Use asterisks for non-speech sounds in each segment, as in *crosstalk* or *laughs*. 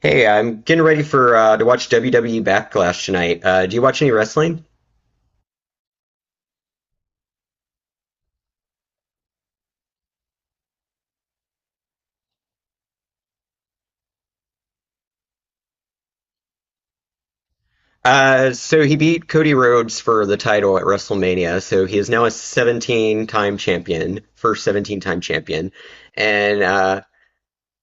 Hey, I'm getting ready for to watch WWE Backlash tonight. Do you watch any wrestling? So he beat Cody Rhodes for the title at WrestleMania. So he is now a 17-time champion, first 17-time champion, and uh,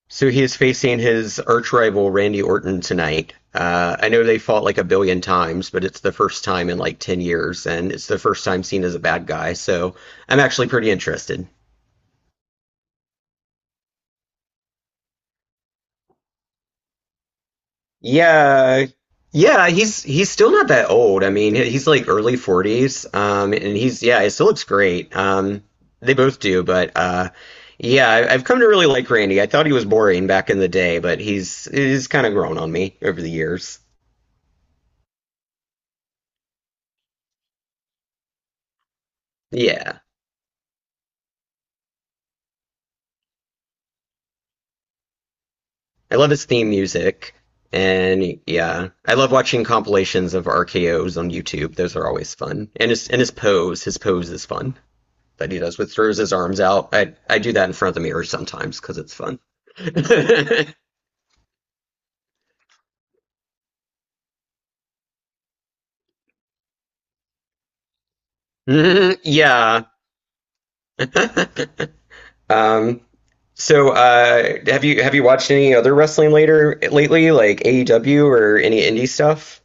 so he is facing his arch rival Randy Orton tonight. I know they fought like a billion times, but it's the first time in like 10 years, and it's the first time seen as a bad guy. So I'm actually pretty interested. Yeah. Yeah, he's still not that old. I mean, he's like early 40s. And he's yeah, he still looks great. They both do, but yeah, I've come to really like Randy. I thought he was boring back in the day, but he's kind of grown on me over the years. Yeah. I love his theme music. And yeah, I love watching compilations of RKOs on YouTube. Those are always fun. And his pose is fun that he does, with throws his arms out. I do that in front of the mirror sometimes because it's fun. *laughs* Yeah. *laughs* um. So, have you watched any other wrestling later lately, like AEW or any indie stuff?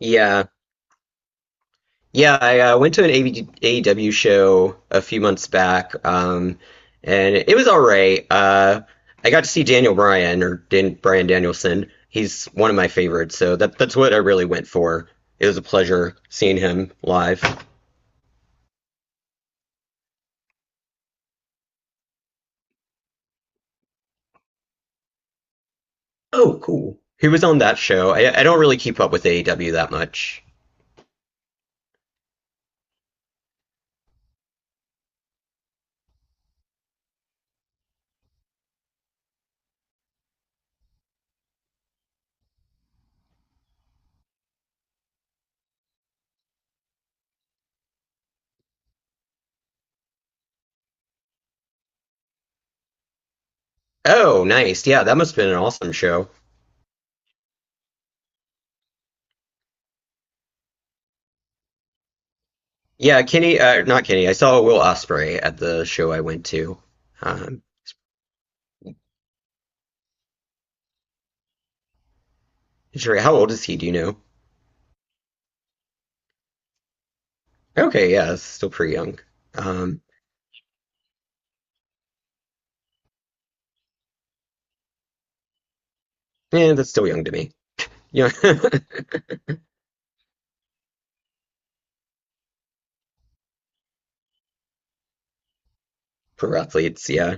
Yeah. Yeah, I went to an AEW show a few months back, and it was all right. I got to see Daniel Bryan or Dan Bryan Danielson. He's one of my favorites, so that's what I really went for. It was a pleasure seeing him live. Oh, cool. He was on that show. I don't really keep up with AEW that much. Oh, nice. Yeah, that must have been an awesome show. Yeah, not Kenny. I saw Will Ospreay at the show I went to. Um, Jerry, how old is he? Do you know? Okay, yeah, that's still pretty young. Um, yeah, that's still young to me. Yeah, *laughs* pro athletes, yeah.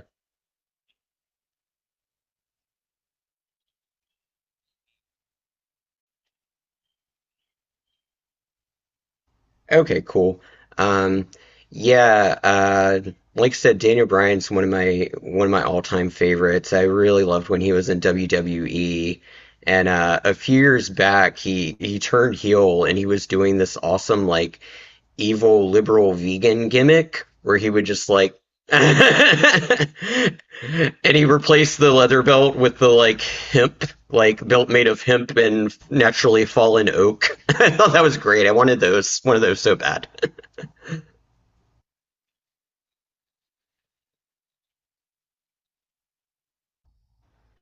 Okay, cool. Um, yeah, uh, like I said, Daniel Bryan's one of my all-time favorites. I really loved when he was in WWE, and a few years back, he turned heel and he was doing this awesome like evil liberal vegan gimmick where he would just like *laughs* and he replaced the leather belt with the like hemp, like belt made of hemp and naturally fallen oak. *laughs* I thought that was great. I wanted one of those so bad. *laughs*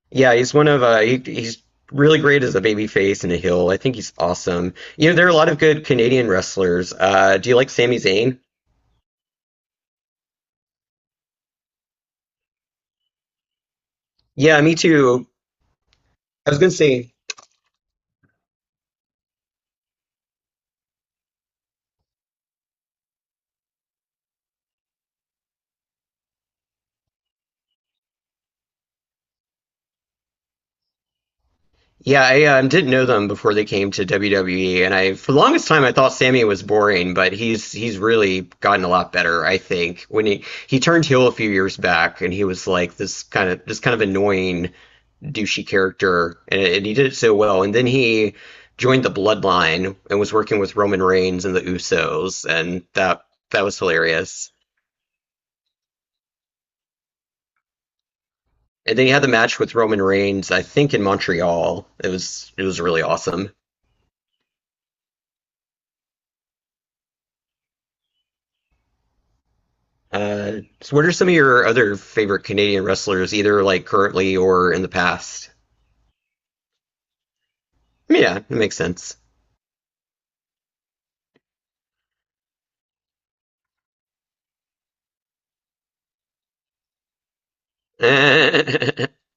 Yeah, he's one of he, he's really great as a baby face and a heel. I think he's awesome. You know, there are a lot of good Canadian wrestlers. Do you like Sami Zayn? Yeah, me too. I was gonna say Yeah, I didn't know them before they came to WWE, and I for the longest time I thought Sammy was boring, but he's really gotten a lot better, I think. When he turned heel a few years back, and he was like this kind of annoying douchey character, and he did it so well. And then he joined the Bloodline and was working with Roman Reigns and the Usos, and that was hilarious. And then he had the match with Roman Reigns, I think in Montreal. It was really awesome. So what are some of your other favorite Canadian wrestlers, either like currently or in the past? Yeah, it makes sense. *laughs*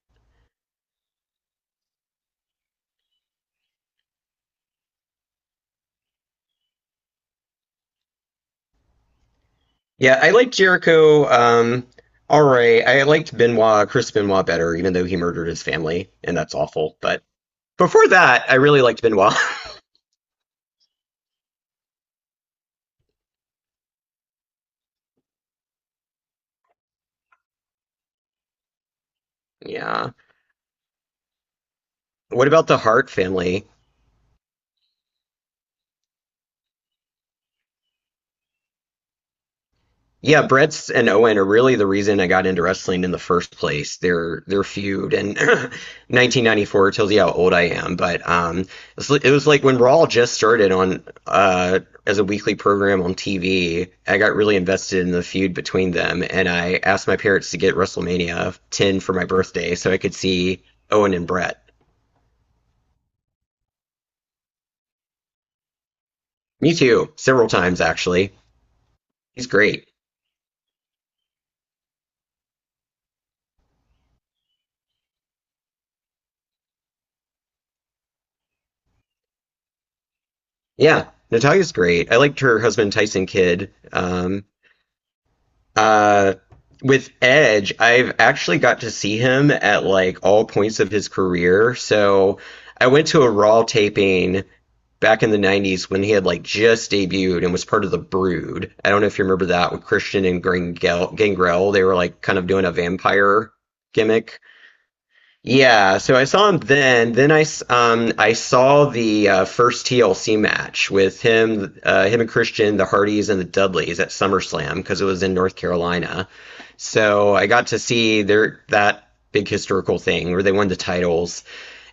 Yeah, I liked Jericho. All right, I liked Chris Benoit better, even though he murdered his family, and that's awful. But before that, I really liked Benoit. *laughs* Yeah. What about the Hart family? Yeah, Brett's and Owen are really the reason I got into wrestling in the first place. Their feud and 1994 *clears throat* tells you how old I am, but it was like when Raw just started on as a weekly program on TV. I got really invested in the feud between them, and I asked my parents to get WrestleMania 10 for my birthday so I could see Owen and Brett. Me too, several times actually. He's great. Yeah, Natalia's great. I liked her husband Tyson Kidd. Uh, with Edge, I've actually got to see him at like all points of his career. So I went to a Raw taping back in the 90s when he had like just debuted and was part of the Brood. I don't know if you remember that with Christian and Gangrel. Gangrel, they were like kind of doing a vampire gimmick. Yeah, so I saw him then. Then I saw the first TLC match with him, him and Christian, the Hardys and the Dudleys at SummerSlam because it was in North Carolina. So I got to see their that big historical thing where they won the titles.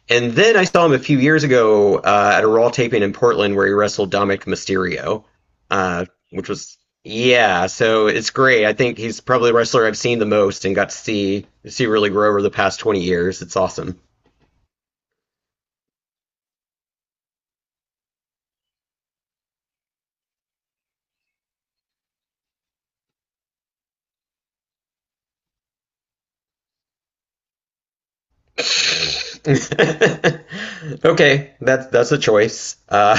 And then I saw him a few years ago at a Raw taping in Portland where he wrestled Dominic Mysterio, uh, which was yeah. So it's great. I think he's probably the wrestler I've seen the most and got to see really grow over the past 20 years. It's awesome. *laughs* Okay, that's a choice.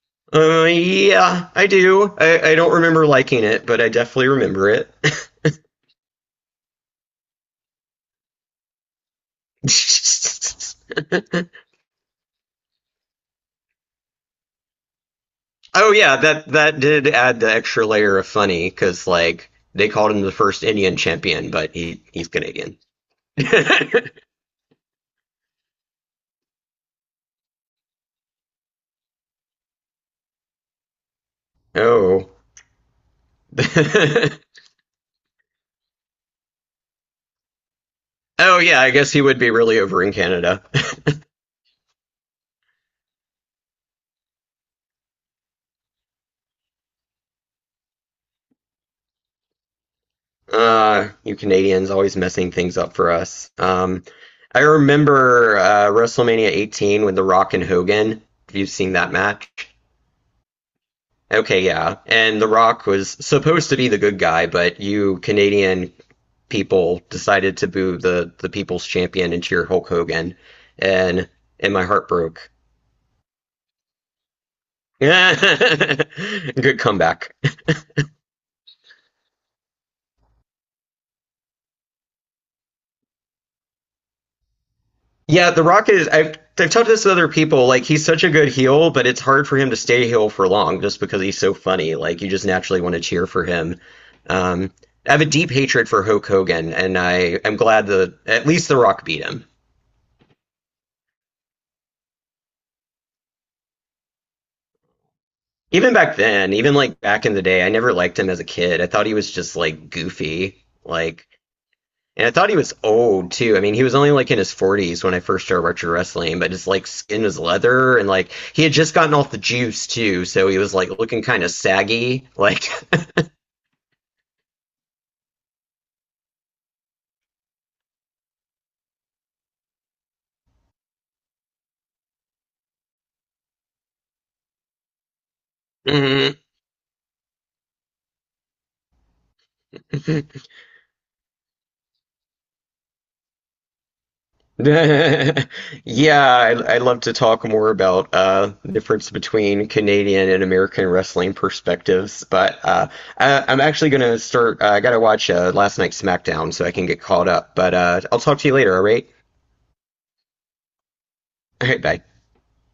*laughs* yeah, I do. I don't remember liking it, but I definitely remember it. *laughs* Oh yeah, that did add the extra layer of funny because like they called him the first Indian champion, but he's Canadian. *laughs* oh. *laughs* Oh yeah, I guess he would be really over in Canada. You Canadians always messing things up for us. I remember WrestleMania 18 with The Rock and Hogan. Have you seen that match? Okay, yeah. And The Rock was supposed to be the good guy, but you Canadian people decided to boo the people's champion and cheer Hulk Hogan, and my heart broke. *laughs* Good comeback. Yeah, The Rock is. I've talked to this with other people. Like he's such a good heel, but it's hard for him to stay heel for long just because he's so funny. Like you just naturally want to cheer for him. Um, I have a deep hatred for Hulk Hogan, and I am glad that at least The Rock beat him. Even back then, even like back in the day, I never liked him as a kid. I thought he was just like goofy. Like and I thought he was old too. I mean, he was only like in his 40s when I first started retro wrestling, but his like skin was leather and like he had just gotten off the juice too, so he was like looking kind of saggy. Like, *laughs* yeah, I, I'd love to talk more about the difference between Canadian and American wrestling perspectives, but I'm actually gonna start. I gotta watch last night's SmackDown so I can get caught up, but I'll talk to you later. All right, bye.